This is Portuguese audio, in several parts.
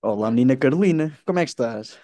Olá, menina Carolina, como é que estás?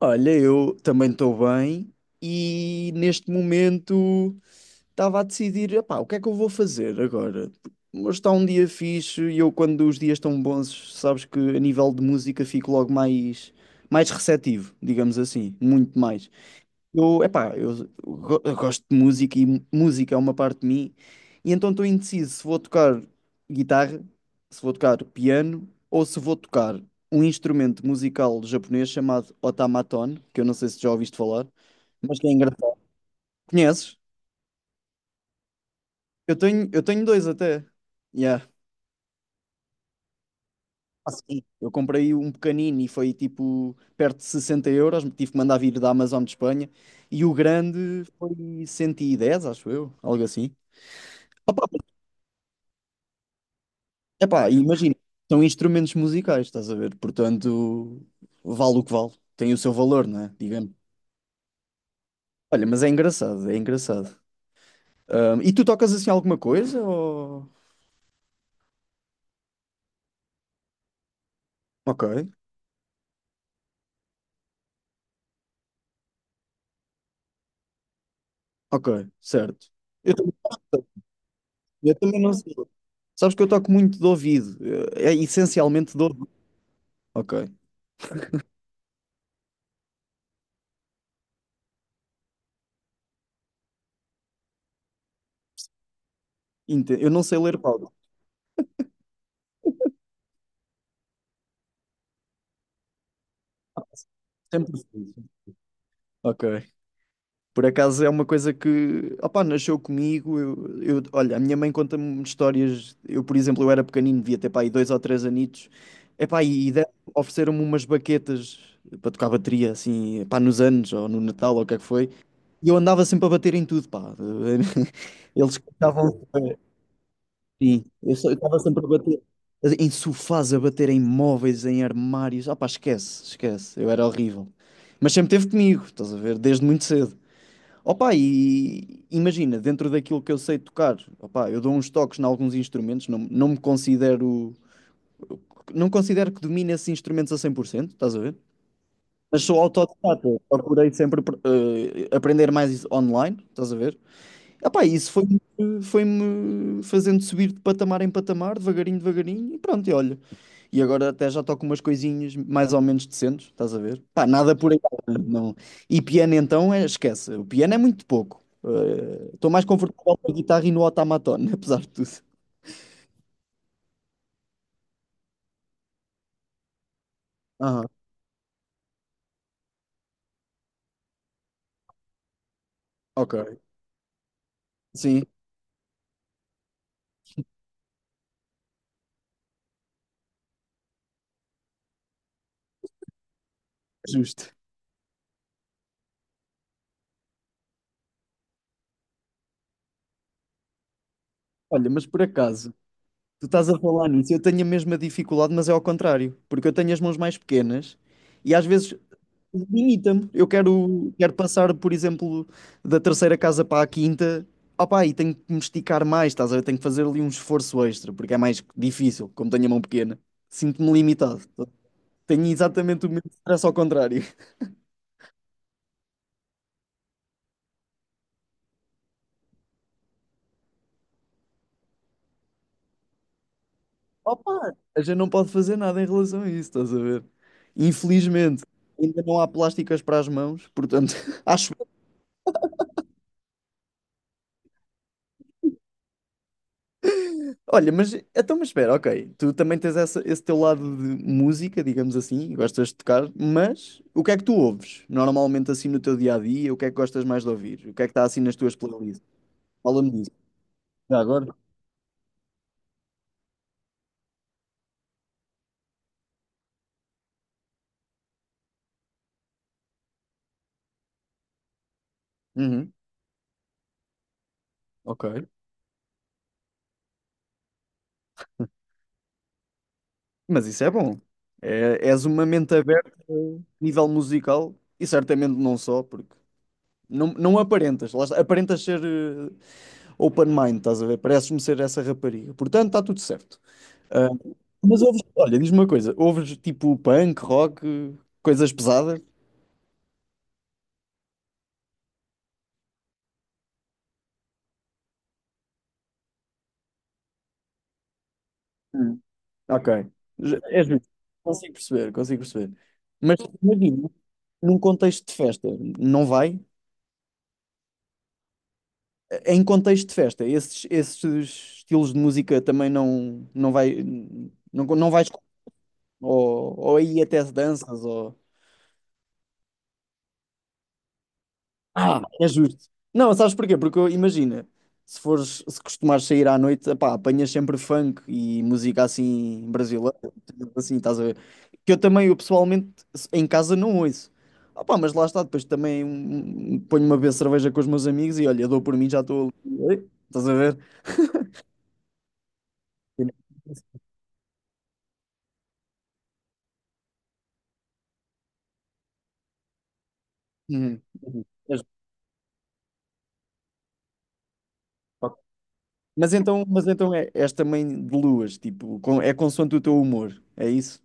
Olha, eu também estou bem e neste momento estava a decidir, epá, o que é que eu vou fazer agora? Hoje está um dia fixe e eu, quando os dias estão bons, sabes que a nível de música fico logo mais, mais receptivo, digamos assim, muito mais. Eu, epá, eu gosto de música e música é uma parte de mim, e então estou indeciso se vou tocar guitarra, se vou tocar piano ou se vou tocar um instrumento musical japonês chamado otamaton, que eu não sei se já ouviste falar, mas que é engraçado. Conheces? Eu tenho dois até. Yeah. Ah, sim. Eu comprei um pequenino e foi tipo perto de 60 euros, tive que mandar vir da Amazon de Espanha, e o grande foi 110, acho eu, algo assim. Epá, e imagina, são instrumentos musicais, estás a ver? Portanto, vale o que vale. Tem o seu valor, não é? Digamos. Olha, mas é engraçado, é engraçado. E tu tocas assim alguma coisa? Ou... Ok, ok, certo. Eu também, não sei. Eu também não sei. Sabes que eu toco muito de ouvido. É essencialmente de ouvido. Ok. Eu não sei ler pauta. Sempre fui. Ok. Por acaso é uma coisa que, opá, nasceu comigo. Olha, a minha mãe conta-me histórias. Eu, por exemplo, eu era pequenino, devia ter pá, aí dois ou três anitos. Epá, ofereceram-me umas baquetas para tocar bateria, assim, pá, nos anos ou no Natal ou o que é que foi. E eu andava sempre a bater em tudo, pá. Eles estavam. Sim, eu estava sempre a bater. Em sofás, a bater em móveis, em armários. Ah, pá, esquece, esquece. Eu era horrível. Mas sempre teve comigo, estás a ver? Desde muito cedo. Opa, e imagina, dentro daquilo que eu sei tocar, opa, eu dou uns toques em alguns instrumentos, não, não me considero, não considero que domine esses instrumentos a 100%, estás a ver? Mas sou autodidata, procurei sempre aprender mais online, estás a ver? Epá, isso foi-me fazendo subir de patamar em patamar, devagarinho, devagarinho, e pronto, e olha. E agora até já toco umas coisinhas mais ou menos decentes, estás a ver? Pá, nada por aí. Não. E piano então, esquece. O piano é muito pouco. Estou mais confortável com a guitarra e no automaton, apesar de tudo. Aham, ok. Sim, justo. Olha, mas por acaso, tu estás a falar nisso, eu tenho a mesma dificuldade, mas é ao contrário, porque eu tenho as mãos mais pequenas e às vezes limita-me. Eu quero, quero passar, por exemplo, da terceira casa para a quinta. Opá, e tenho que me esticar mais, estás a ver? Tenho que fazer ali um esforço extra, porque é mais difícil, como tenho a mão pequena. Sinto-me limitado. Tenho exatamente o mesmo stress ao contrário. Opa, a gente não pode fazer nada em relação a isso, estás a ver? Infelizmente, ainda não há plásticas para as mãos, portanto, acho. Olha, mas então, mas espera, ok. Tu também tens esse teu lado de música, digamos assim, gostas de tocar, mas o que é que tu ouves normalmente assim no teu dia a dia? O que é que gostas mais de ouvir? O que é que está assim nas tuas playlists? Fala-me disso. Já agora? Uhum, ok. Mas isso é bom. É, és uma mente aberta a nível musical e certamente não só, porque não, não aparentas, lá está, aparentas ser open mind, estás a ver? Pareces-me ser essa rapariga. Portanto, está tudo certo. Ah, mas ouves, olha, diz-me uma coisa, ouves tipo punk, rock, coisas pesadas? Hum. Ok. És justo. Consigo perceber, consigo perceber. Mas imagina, num contexto de festa, não vai? Em contexto de festa, esses, esses estilos de música também não, não vai, não, não vais, ou aí até se danças. Ah, é justo. Não, sabes porquê? Porque imagina, se fores, se costumares sair à noite, epá, apanhas sempre funk e música assim brasileira, tipo assim, estás a ver? Que eu também, eu pessoalmente, em casa não ouço. Ah, pá, mas lá está, depois também ponho uma vez cerveja com os meus amigos e olha, dou por mim, já estou ali. Estás a ver? Uhum, uhum. É justo. Mas então é, és também de luas, tipo, é consoante o teu humor, é isso?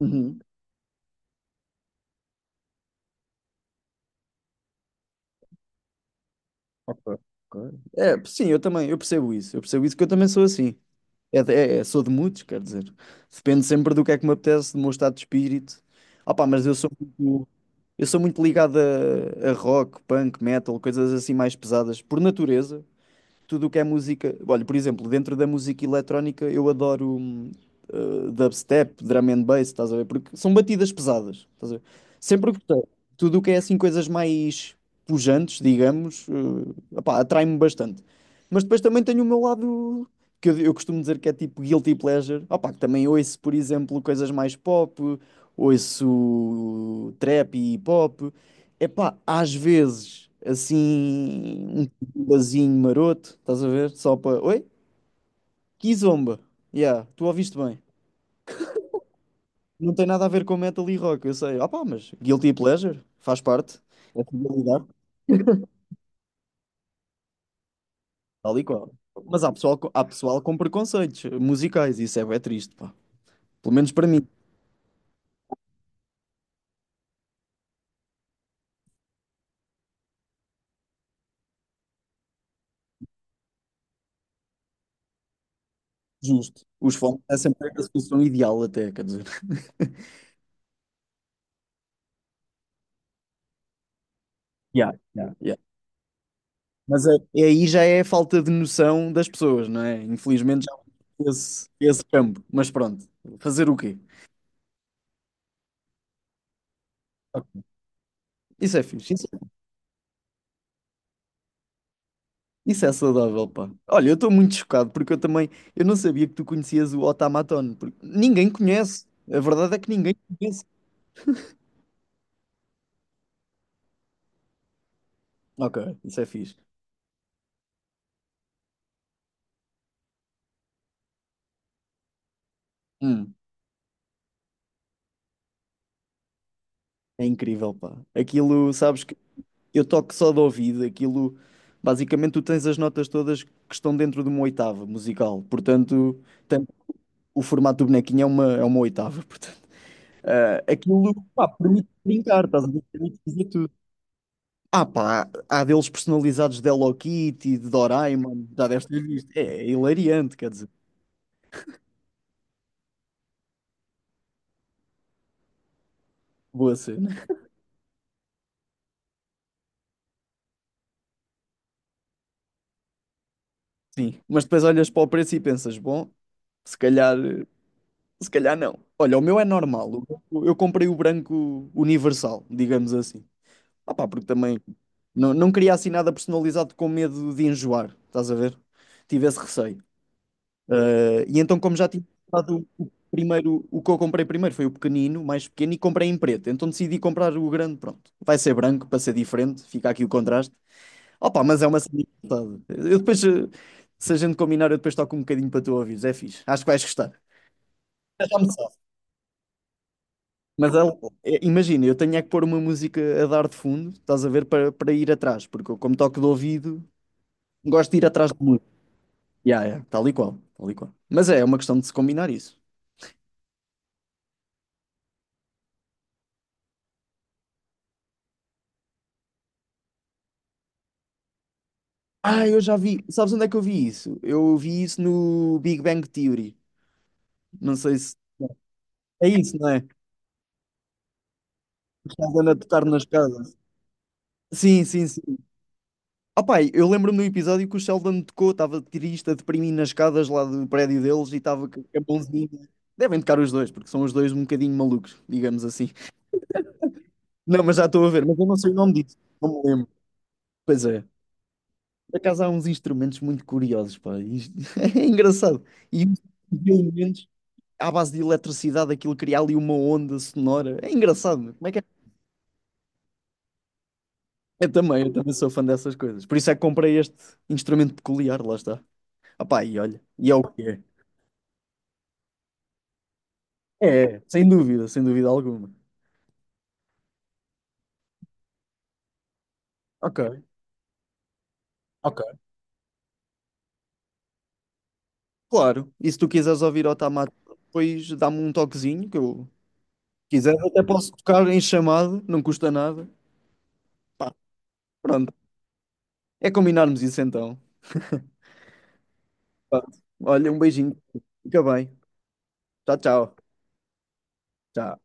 Uhum. Ok, ok. É, sim, eu também, eu percebo isso. Eu percebo isso que eu também sou assim. É, sou de muitos, quer dizer. Depende sempre do que é que me apetece, do meu estado de espírito. Ah, pá, mas eu sou muito ligado a rock, punk, metal, coisas assim mais pesadas, por natureza tudo o que é música. Olha, por exemplo, dentro da música eletrónica eu adoro dubstep, drum and bass, estás a ver? Porque são batidas pesadas, estás a ver? Sempre gostei. Tudo o que é assim coisas mais pujantes, digamos, opá, atrai-me bastante. Mas depois também tenho o meu lado que eu costumo dizer que é tipo guilty pleasure, opá, que também ouço, por exemplo, coisas mais pop, ouço trap e hip hop. Epá, às vezes, assim, um basinho maroto, estás a ver? Só para. Oi? Kizomba. Yeah, tu ouviste bem. Não tem nada a ver com metal e rock, eu sei. Ah pá, mas Guilty Pleasure faz parte. É realidade, tal e qual. Mas há pessoal, há pessoal com preconceitos musicais, isso é bem triste, pá. Pelo menos para mim. Justo. Os fones é sempre a solução ideal, até, quer dizer. Yeah, yeah, yeah. Mas é- é aí já é a falta de noção das pessoas, não é? Infelizmente já há esse, esse campo. Mas pronto, fazer o quê? Ok. Isso é fixe. Isso é saudável, pá. Olha, eu estou muito chocado porque eu também, eu não sabia que tu conhecias o Otamatone, porque ninguém conhece. A verdade é que ninguém conhece. Ok, isso é fixe. Hum, é incrível, pá. Aquilo, sabes que eu toco só de ouvido, aquilo, basicamente tu tens as notas todas que estão dentro de uma oitava musical, portanto, tem- o formato do bonequinho é uma oitava, portanto. Ah, aquilo, pá, permite brincar, estás a ver? Permite fazer tudo. Ah pá, há deles personalizados de Hello Kitty, de Doraemon, já deves ter visto. É, é hilariante, quer dizer, boa cena. Sim, mas depois olhas para o preço e pensas, bom, se calhar, se calhar não. Olha, o meu é normal, eu comprei o branco universal, digamos assim. Ah pá, porque também não, não queria assim nada personalizado com medo de enjoar, estás a ver? Tive esse receio. E então, como já tinha comprado o primeiro, o que eu comprei primeiro foi o pequenino, o mais pequeno, e comprei em preto. Então decidi comprar o grande, pronto. Vai ser branco para ser diferente, fica aqui o contraste. Opa, mas é uma cena engraçada. Eu depois, se a gente combinar, eu depois toco um bocadinho para tu ouvires, é fixe. Acho que vais gostar. Já me sabe. Mas ela- É, imagina, eu tenho é que pôr uma música a dar de fundo, estás a ver, para, para ir atrás, porque eu, como toco de ouvido, gosto de ir atrás de música. Yeah, yeah, tal e qual, tal e qual. Mas é, é uma questão de se combinar isso. Ah, eu já vi. Sabes onde é que eu vi isso? Eu vi isso no Big Bang Theory. Não sei se. É isso, não é? O Sheldon a tocar nas casas. Sim, sim, sim. Ah, pá, eu lembro-me do episódio que o Sheldon tocou, estava triste, a deprimir nas escadas lá do prédio deles e estava com a mãozinha. Devem tocar os dois, porque são os dois um bocadinho malucos, digamos assim. Não, mas já estou a ver, mas eu não sei o nome disso, não me lembro. Pois é. Por acaso há uns instrumentos muito curiosos, pá. Isto- é engraçado. E os elementos. À base de eletricidade aquilo cria ali uma onda sonora. É engraçado. Como é que é? Eu também sou fã dessas coisas. Por isso é que comprei este instrumento peculiar, lá está. Opá, e olha, e é o que é. É, sem dúvida, sem dúvida alguma. Ok, ok. Claro, e se tu quiseres ouvir Otamate, depois dá-me um toquezinho, que eu se quiser até posso tocar em chamado, não custa nada. Pá, pronto, é combinarmos isso então. Pronto. Olha, um beijinho. Fica bem. Tchau, tchau. Tchau.